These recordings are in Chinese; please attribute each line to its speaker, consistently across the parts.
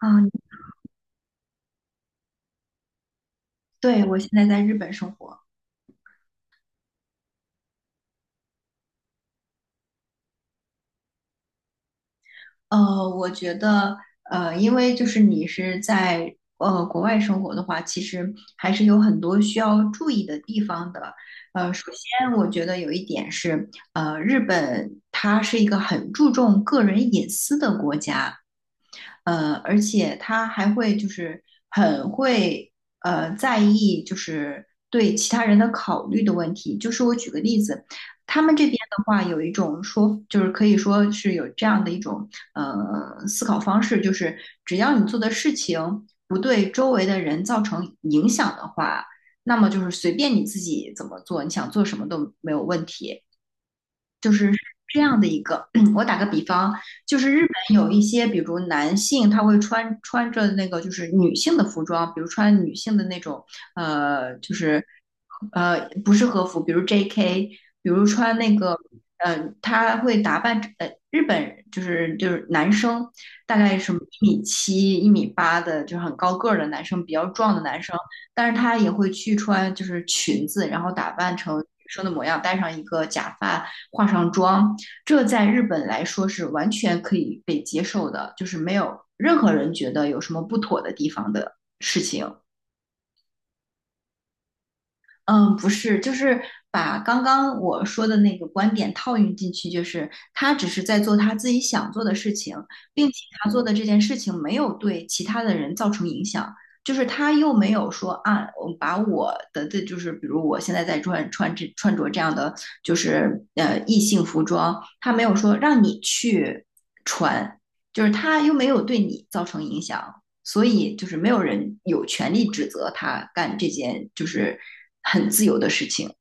Speaker 1: 嗯，对，我现在在日本生活。我觉得，因为就是你是在国外生活的话，其实还是有很多需要注意的地方的。首先我觉得有一点是，日本它是一个很注重个人隐私的国家。而且他还会就是很会在意就是对其他人的考虑的问题。就是我举个例子，他们这边的话有一种说，就是可以说是有这样的一种思考方式，就是只要你做的事情不对周围的人造成影响的话，那么就是随便你自己怎么做，你想做什么都没有问题。就是这样的一个，我打个比方，就是日本有一些，比如男性他会穿着那个就是女性的服装，比如穿女性的那种，呃，就是不是和服，比如 J.K.,比如穿那个，他会打扮，日本就是男生大概什么1.7米、1.8米的，就是很高个儿的男生，比较壮的男生，但是他也会去穿就是裙子，然后打扮成女生的模样，戴上一个假发。化上妆，这在日本来说是完全可以被接受的，就是没有任何人觉得有什么不妥的地方的事情。嗯，不是，就是把刚刚我说的那个观点套用进去，就是他只是在做他自己想做的事情，并且他做的这件事情没有对其他的人造成影响，就是他又没有说啊，我把我的这就是比如我现在在穿着这样的就是异性服装，他没有说让你去穿，就是他又没有对你造成影响。所以就是没有人有权利指责他干这件就是很自由的事情。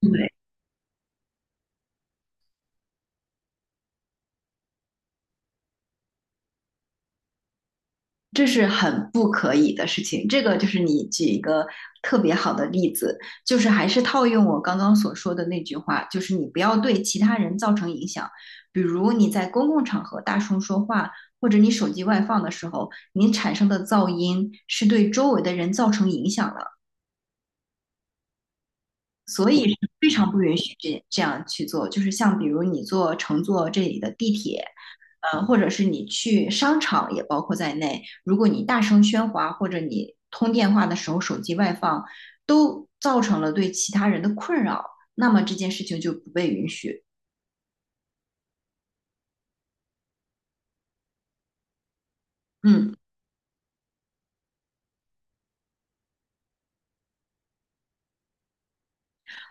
Speaker 1: 对，这是很不可以的事情。这个就是你举一个特别好的例子，就是还是套用我刚刚所说的那句话，就是你不要对其他人造成影响。比如你在公共场合大声说话，或者你手机外放的时候，你产生的噪音是对周围的人造成影响了。所以是非常不允许这样去做，就是像比如你乘坐这里的地铁，或者是你去商场也包括在内，如果你大声喧哗或者你通电话的时候手机外放，都造成了对其他人的困扰，那么这件事情就不被允许。嗯，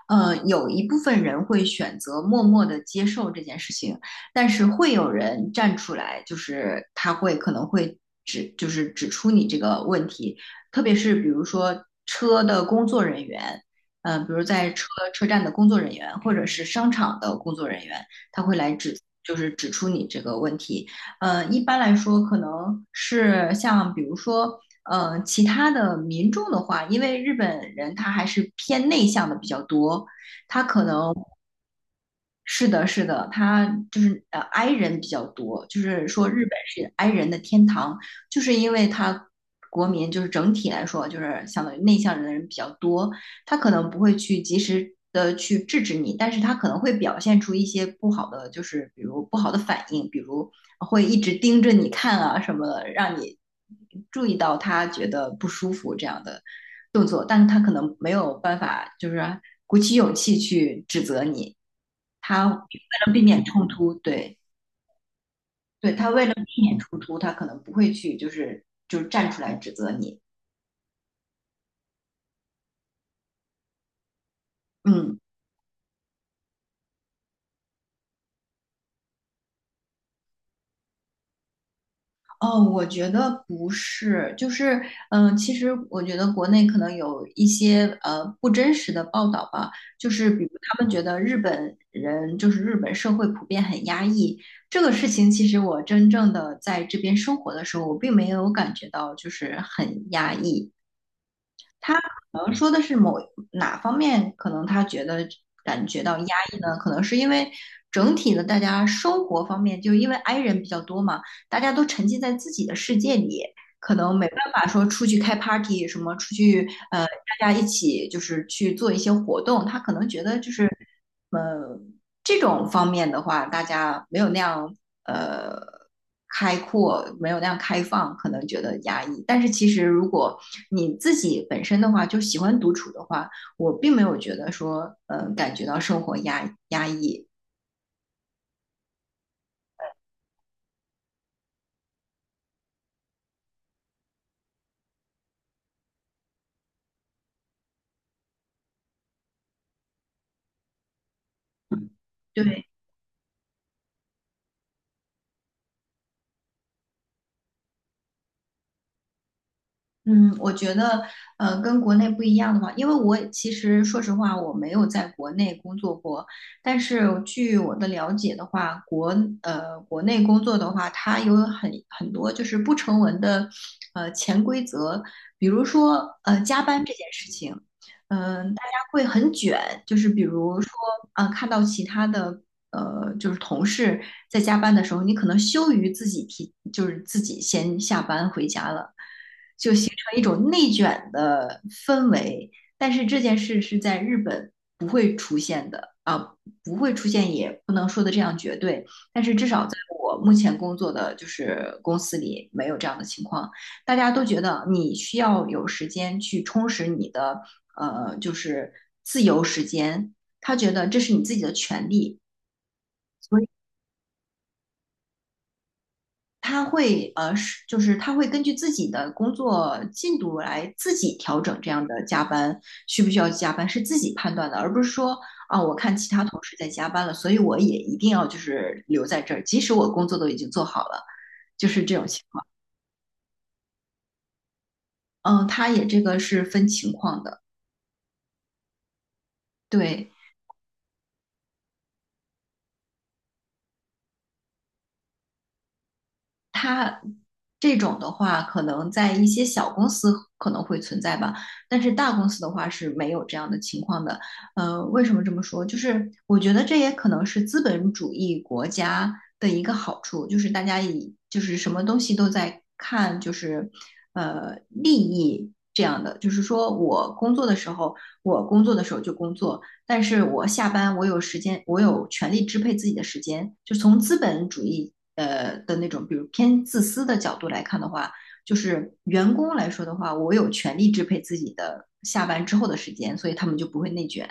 Speaker 1: 有一部分人会选择默默的接受这件事情，但是会有人站出来，就是他会可能会指，就是指出你这个问题，特别是比如说车的工作人员，比如在车站的工作人员，或者是商场的工作人员，他会来指，就是指出你这个问题。一般来说，可能是像比如说，其他的民众的话，因为日本人他还是偏内向的比较多，他可能。是的，是的，他就是i 人比较多，就是说日本是 i 人的天堂，就是因为他国民就是整体来说就是相当于内向人的人比较多，他可能不会去及时的去制止你，但是他可能会表现出一些不好的，就是比如不好的反应，比如会一直盯着你看啊什么的，让你注意到他觉得不舒服这样的动作，但他可能没有办法，就是鼓起勇气去指责你。他为了避免冲突。对对，他为了避免冲突，他可能不会去就是站出来指责你。嗯。哦，我觉得不是，就是，其实我觉得国内可能有一些不真实的报道吧，就是比如他们觉得日本人就是日本社会普遍很压抑，这个事情其实我真正的在这边生活的时候，我并没有感觉到就是很压抑，可能说的是哪方面，可能他觉得感觉到压抑呢？可能是因为整体的大家生活方面，就因为 i 人比较多嘛，大家都沉浸在自己的世界里，可能没办法说出去开 party 什么，出去大家一起就是去做一些活动，他可能觉得就是呃这种方面的话，大家没有那样呃开阔，没有那样开放，可能觉得压抑。但是其实如果你自己本身的话，就喜欢独处的话，我并没有觉得说，感觉到生活压抑。对。嗯，我觉得，跟国内不一样的话，因为我其实说实话，我没有在国内工作过，但是据我的了解的话，国内工作的话，它有很多就是不成文的潜规则，比如说加班这件事情，大家会很卷，就是比如说啊、看到其他的就是同事在加班的时候，你可能羞于自己提，就是自己先下班回家了。就形成一种内卷的氛围。但是这件事是在日本不会出现的啊、不会出现，也不能说的这样绝对。但是至少在我目前工作的就是公司里没有这样的情况，大家都觉得你需要有时间去充实你的就是自由时间。他觉得这是你自己的权利，他会呃，是就是他会根据自己的工作进度来自己调整这样的加班需不需要加班，是自己判断的，而不是说啊，我看其他同事在加班了，所以我也一定要就是留在这儿，即使我工作都已经做好了，就是这种情况。嗯，他也这个是分情况的。对。它这种的话，可能在一些小公司可能会存在吧，但是大公司的话是没有这样的情况的。为什么这么说？就是我觉得这也可能是资本主义国家的一个好处，就是大家以就是什么东西都在看，就是利益这样的，就是说我工作的时候就工作，但是我下班我有时间，我有权利支配自己的时间。就从资本主义的那种，比如偏自私的角度来看的话，就是员工来说的话，我有权利支配自己的下班之后的时间，所以他们就不会内卷。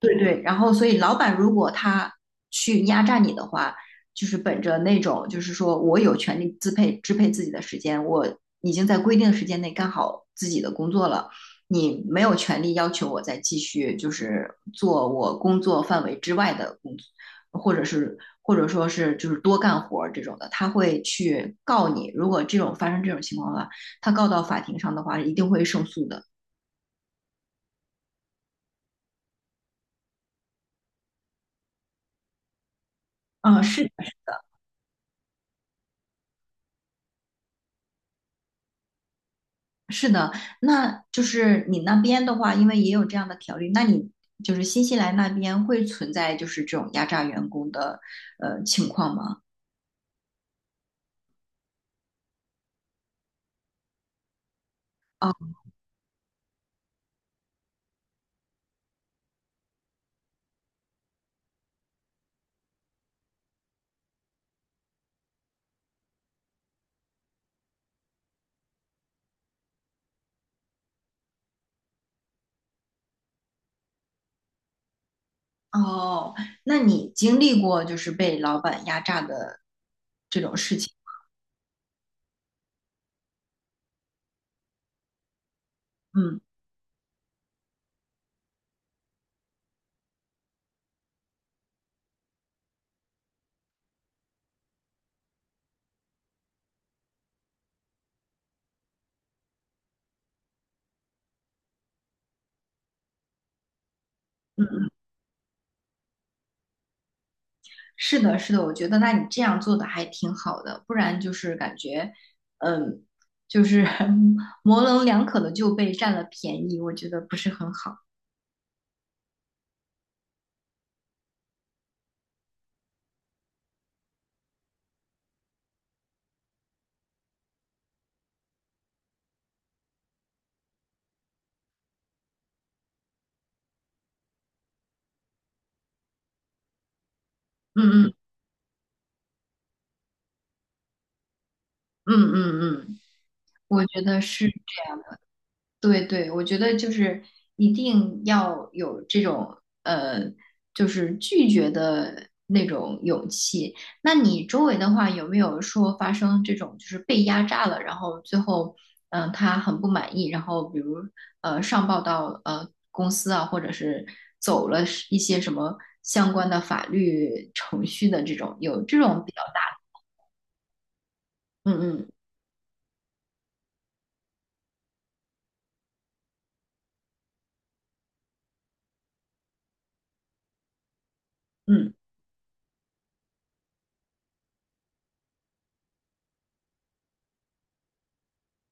Speaker 1: 对对，然后所以老板如果他去压榨你的话，就是本着那种就是说我有权利支配自己的时间，我已经在规定的时间内干好自己的工作了，你没有权利要求我再继续就是做我工作范围之外的工作，或者说是就是多干活儿这种的，他会去告你。如果发生这种情况的话，他告到法庭上的话，一定会胜诉的。嗯，是的，那就是你那边的话，因为也有这样的条例，那你就是新西兰那边会存在就是这种压榨员工的情况吗？哦哦，那你经历过就是被老板压榨的这种事情？嗯，是的，是的，我觉得那你这样做的还挺好的，不然就是感觉嗯，就是 模棱两可的就被占了便宜，我觉得不是很好。嗯嗯嗯嗯嗯，我觉得是。对对，我觉得就是一定要有这种呃，就是拒绝的那种勇气。那你周围的话，有没有说发生这种就是被压榨了，然后最后他很不满意，然后比如上报到公司啊，或者是走了一些什么相关的法律程序的这种，有这种比较大。嗯嗯嗯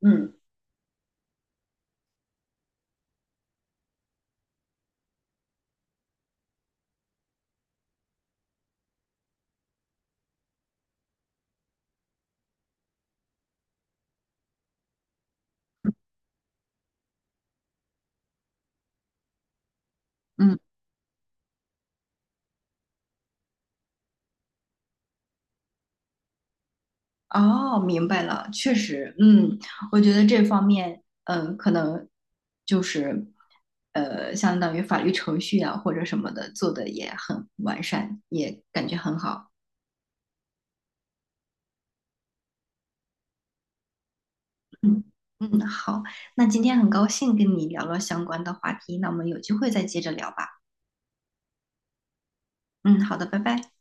Speaker 1: 嗯嗯。哦，明白了，确实，嗯，我觉得这方面，可能就是，相当于法律程序啊或者什么的做的也很完善，也感觉很好。嗯嗯，好，那今天很高兴跟你聊了相关的话题，那我们有机会再接着聊吧。嗯，好的，拜拜。